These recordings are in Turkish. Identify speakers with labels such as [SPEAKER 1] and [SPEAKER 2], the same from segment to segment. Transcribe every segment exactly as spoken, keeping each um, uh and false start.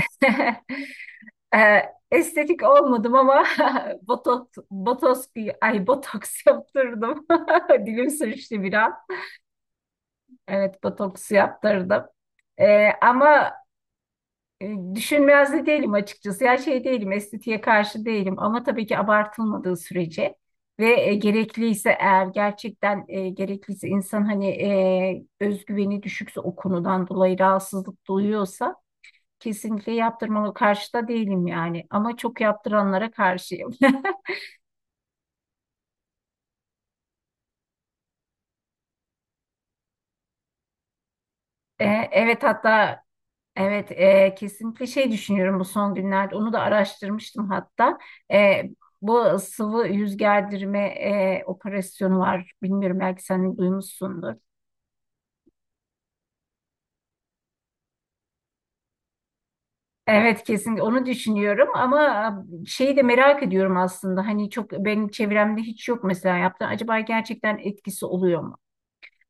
[SPEAKER 1] Ee, Estetik olmadım ama botot, botos, ay botoks yaptırdım. Dilim sürçtü bir an. Evet, botoks yaptırdım. Ee, ama e, Düşünmez de değilim açıkçası. Ya şey değilim, estetiğe karşı değilim ama tabii ki abartılmadığı sürece ve e, gerekliyse, eğer gerçekten e, gerekliyse, insan hani e, özgüveni düşükse, o konudan dolayı rahatsızlık duyuyorsa kesinlikle yaptırmalı, karşıda değilim yani ama çok yaptıranlara karşıyım. E, evet, hatta evet, e, kesinlikle şey düşünüyorum, bu son günlerde onu da araştırmıştım hatta. E, Bu sıvı yüz gerdirme e, operasyonu var. Bilmiyorum, belki sen duymuşsundur. Evet, kesinlikle onu düşünüyorum ama e, şeyi de merak ediyorum aslında. Hani çok benim çevremde hiç yok mesela yaptı. Acaba gerçekten etkisi oluyor mu?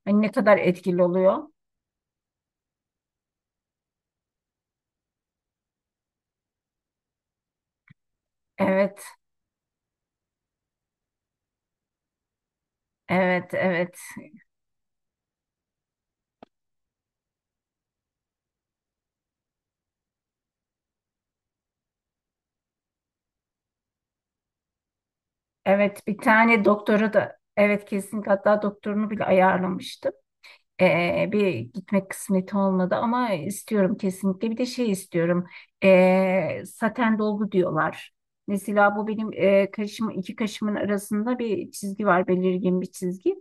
[SPEAKER 1] Hani ne kadar etkili oluyor? Evet, evet, evet. Evet, bir tane doktora da evet kesinlikle, hatta doktorunu bile ayarlamıştım. Ee, bir gitmek kısmeti olmadı ama istiyorum kesinlikle. Bir de şey istiyorum. Ee, saten dolgu diyorlar. Mesela bu benim ee, kaşım, iki kaşımın arasında bir çizgi var, belirgin bir çizgi.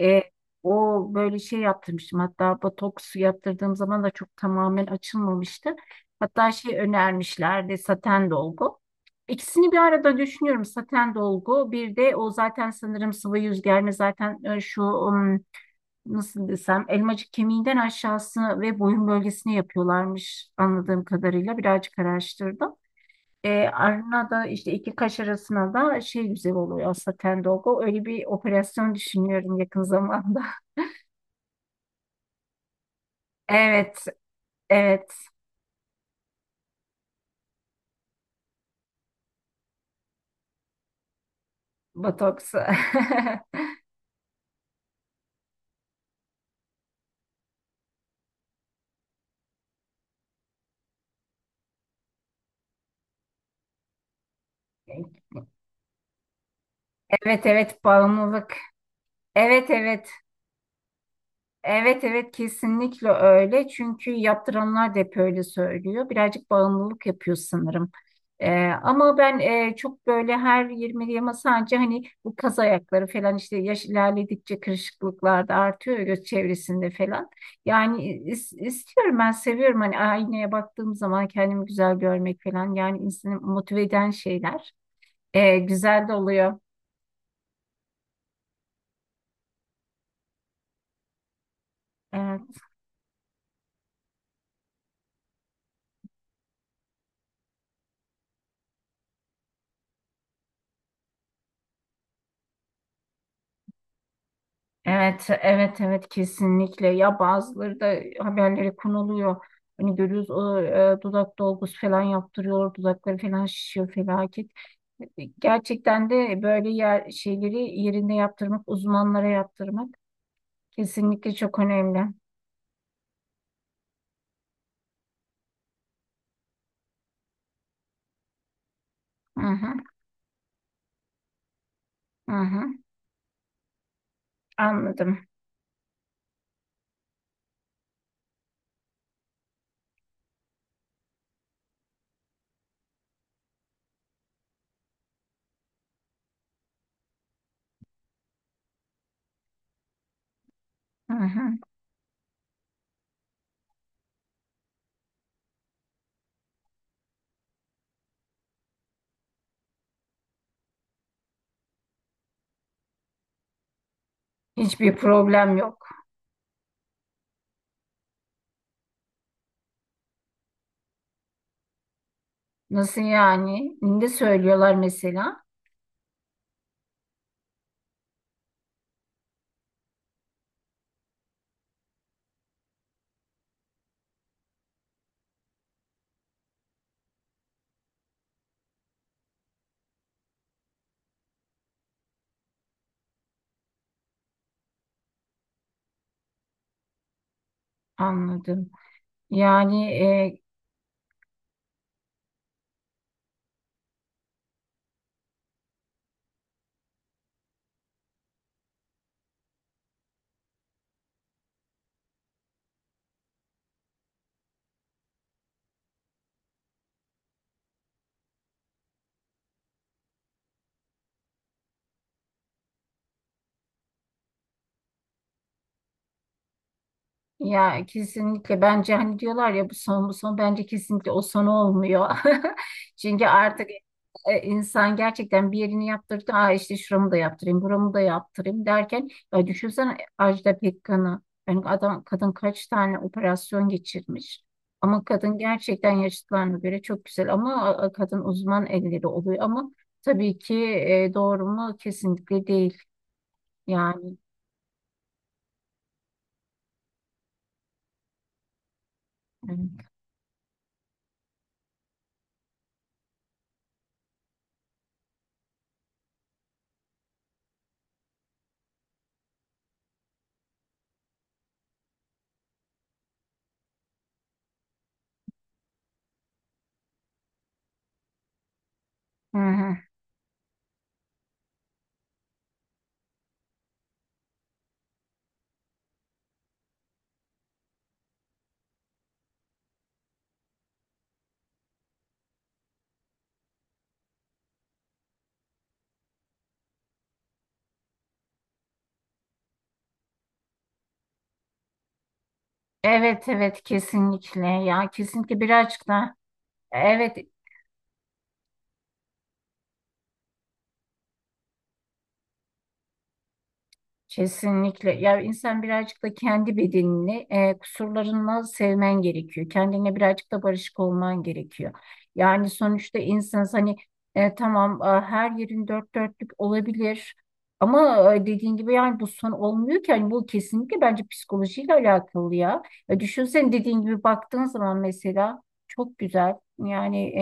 [SPEAKER 1] E, O böyle şey yaptırmıştım. Hatta botoks yaptırdığım zaman da çok tamamen açılmamıştı. Hatta şey önermişlerdi, saten dolgu. İkisini bir arada düşünüyorum. Saten dolgu, bir de o zaten sanırım sıvı yüz germe zaten, e, şu um, nasıl desem, elmacık kemiğinden aşağısı ve boyun bölgesine yapıyorlarmış, anladığım kadarıyla birazcık araştırdım. E, arına da işte, iki kaş arasına da şey güzel oluyor saten dolgu. Öyle bir operasyon düşünüyorum yakın zamanda. Evet, evet. Botoks. Evet, evet. Bağımlılık. Evet, evet. Evet, evet, kesinlikle öyle. Çünkü yaptıranlar da hep öyle söylüyor. Birazcık bağımlılık yapıyor sanırım. Ee, ama ben e, çok böyle her yirmi yıma, sadece hani bu kaz ayakları falan, işte yaş ilerledikçe kırışıklıklar da artıyor ya, göz çevresinde falan. Yani is- istiyorum, ben seviyorum hani aynaya baktığım zaman kendimi güzel görmek falan, yani insanı motive eden şeyler. E, güzel de oluyor. Evet, evet, evet, evet, kesinlikle. Ya bazıları da haberlere konuluyor. Hani görüyoruz, o e, dudak dolgusu falan yaptırıyor, dudakları falan şişiyor, felaket. Gerçekten de böyle yer, şeyleri yerinde yaptırmak, uzmanlara yaptırmak kesinlikle çok önemli. Hı hı, hı hı, anladım. Hı hı. Hiçbir problem yok. Nasıl yani? Ne söylüyorlar mesela? Anladım. Yani e, Ya kesinlikle, bence hani diyorlar ya, bu son bu son, bence kesinlikle o son olmuyor. Çünkü artık e, insan gerçekten bir yerini yaptırdı, aa işte şuramı da yaptırayım, buramı da yaptırayım derken, ya düşünsene Ajda Pekkan'ı. Yani adam, kadın, kaç tane operasyon geçirmiş. Ama kadın gerçekten yaşıtlarına göre çok güzel ama e, kadın uzman elleri oluyor ama tabii ki e, doğru mu, kesinlikle değil yani. Evet. Hı hı. Evet, evet, kesinlikle ya, kesinlikle birazcık da evet, kesinlikle. Ya insan birazcık da kendi bedenini, e, kusurlarınla sevmen gerekiyor. Kendine birazcık da barışık olman gerekiyor. Yani sonuçta insan hani, e, tamam e, her yerin dört dörtlük olabilir. Ama e, dediğin gibi, yani bu son olmuyor ki. Hani bu kesinlikle bence psikolojiyle alakalı ya. E, düşünsene, dediğin gibi baktığın zaman mesela çok güzel. Yani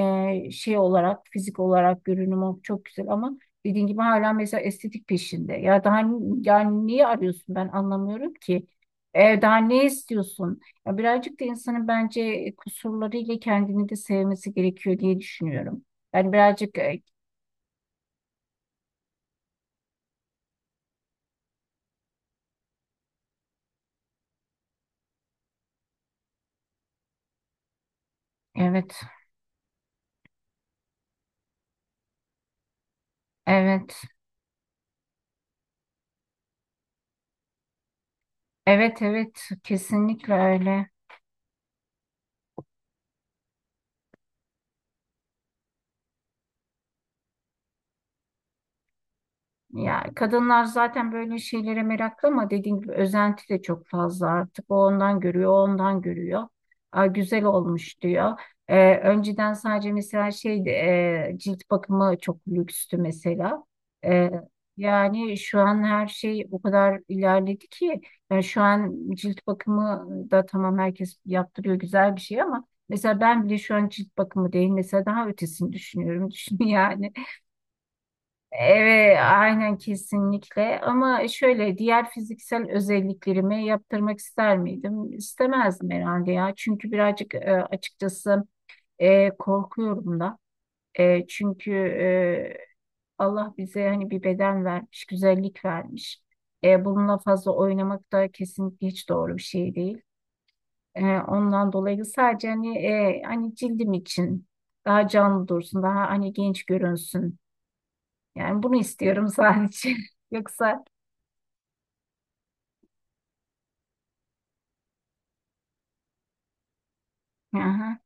[SPEAKER 1] e, şey olarak, fizik olarak görünüm çok güzel ama dediğin gibi hala mesela estetik peşinde. Ya daha n- yani niye arıyorsun, ben anlamıyorum ki. E, daha ne istiyorsun? Ya birazcık da insanın bence e, kusurlarıyla kendini de sevmesi gerekiyor diye düşünüyorum. Yani birazcık e, evet, evet, evet, evet, kesinlikle öyle. Ya kadınlar zaten böyle şeylere meraklı ama dediğim gibi özenti de çok fazla artık. O ondan görüyor, o ondan görüyor. Aa, güzel olmuş diyor. Ee, önceden sadece mesela şeydi, e, cilt bakımı çok lükstü mesela. Ee, Yani şu an her şey o kadar ilerledi ki, yani şu an cilt bakımı da tamam, herkes yaptırıyor, güzel bir şey ama mesela ben bile şu an cilt bakımı değil, mesela daha ötesini düşünüyorum. Düşün yani. Evet, aynen, kesinlikle. Ama şöyle, diğer fiziksel özelliklerimi yaptırmak ister miydim? İstemezdim herhalde ya. Çünkü birazcık e, açıkçası e, korkuyorum da. E, çünkü e, Allah bize hani bir beden vermiş, güzellik vermiş. E, bununla fazla oynamak da kesinlikle hiç doğru bir şey değil. E, ondan dolayı sadece hani, e, hani cildim için daha canlı dursun, daha hani genç görünsün. Yani bunu istiyorum sadece. Yoksa... Aha,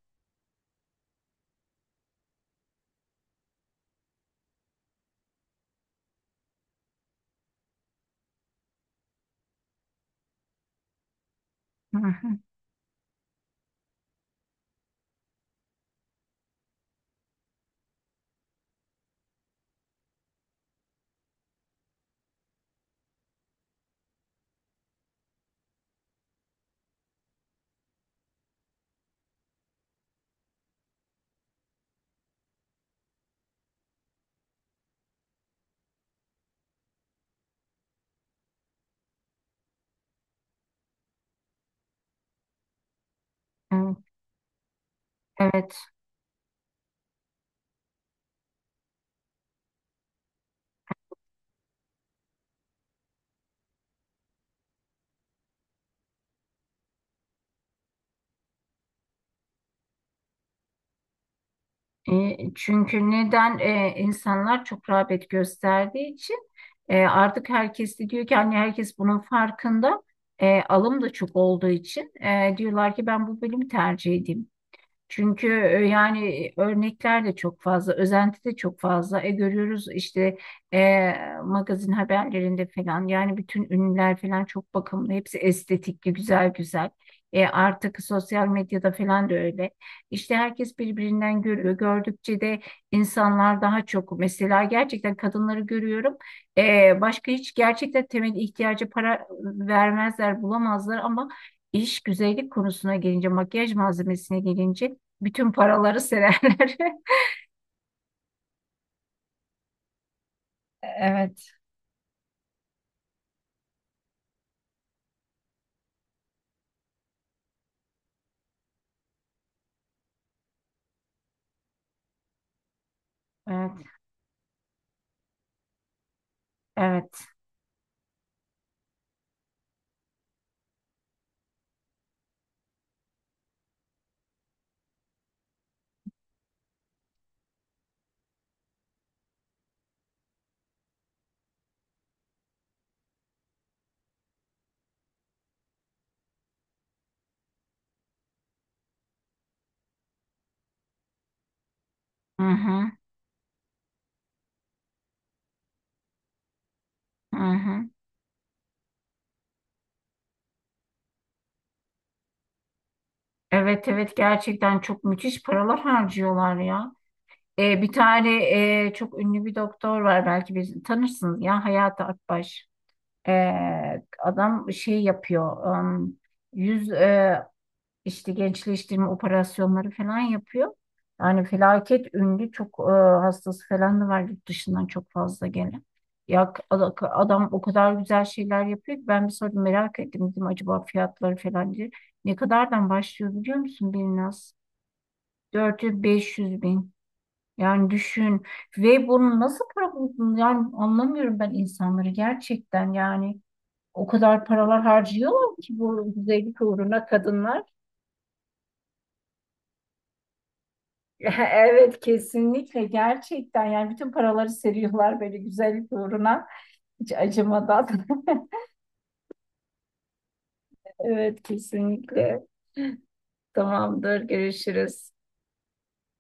[SPEAKER 1] aha, evet. Evet. E, çünkü neden? E, insanlar çok rağbet gösterdiği için e, artık herkes de diyor ki hani, herkes bunun farkında. E, alım da çok olduğu için e, diyorlar ki ben bu bölümü tercih edeyim. Çünkü e, yani e, örnekler de çok fazla, özenti de çok fazla. E görüyoruz işte, e, magazin haberlerinde falan, yani bütün ünlüler falan çok bakımlı. Hepsi estetikli, güzel güzel. E, artık sosyal medyada falan da öyle. İşte herkes birbirinden görüyor. Gördükçe de insanlar daha çok, mesela gerçekten kadınları görüyorum. E, başka hiç gerçekten temel ihtiyacı para vermezler, bulamazlar ama iş güzellik konusuna gelince, makyaj malzemesine gelince bütün paraları sererler. Evet. Evet, evet. Hı hı, hı hı. Evet, evet, gerçekten çok müthiş paralar harcıyorlar ya. Ee, bir tane e, çok ünlü bir doktor var, belki bir tanırsınız ya, Hayati Akbaş. Ee, adam şey yapıyor. Im, yüz e, işte gençleştirme operasyonları falan yapıyor. Yani felaket ünlü, çok e, hastası falan da var, yurt dışından çok fazla gelen. Ya ad- adam o kadar güzel şeyler yapıyor ki, ben bir sordum, merak ettim, dedim acaba fiyatları falan diye. Ne kadardan başlıyor biliyor musun Birnaz? Dört yüz, beş yüz bin. Yani düşün, ve bunu nasıl para buldun? Yani anlamıyorum ben insanları, gerçekten, yani o kadar paralar harcıyorlar ki bu güzellik uğruna, kadınlar. Evet kesinlikle, gerçekten yani bütün paraları seriyorlar böyle güzellik uğruna, hiç acımadan. Evet kesinlikle, tamamdır, görüşürüz.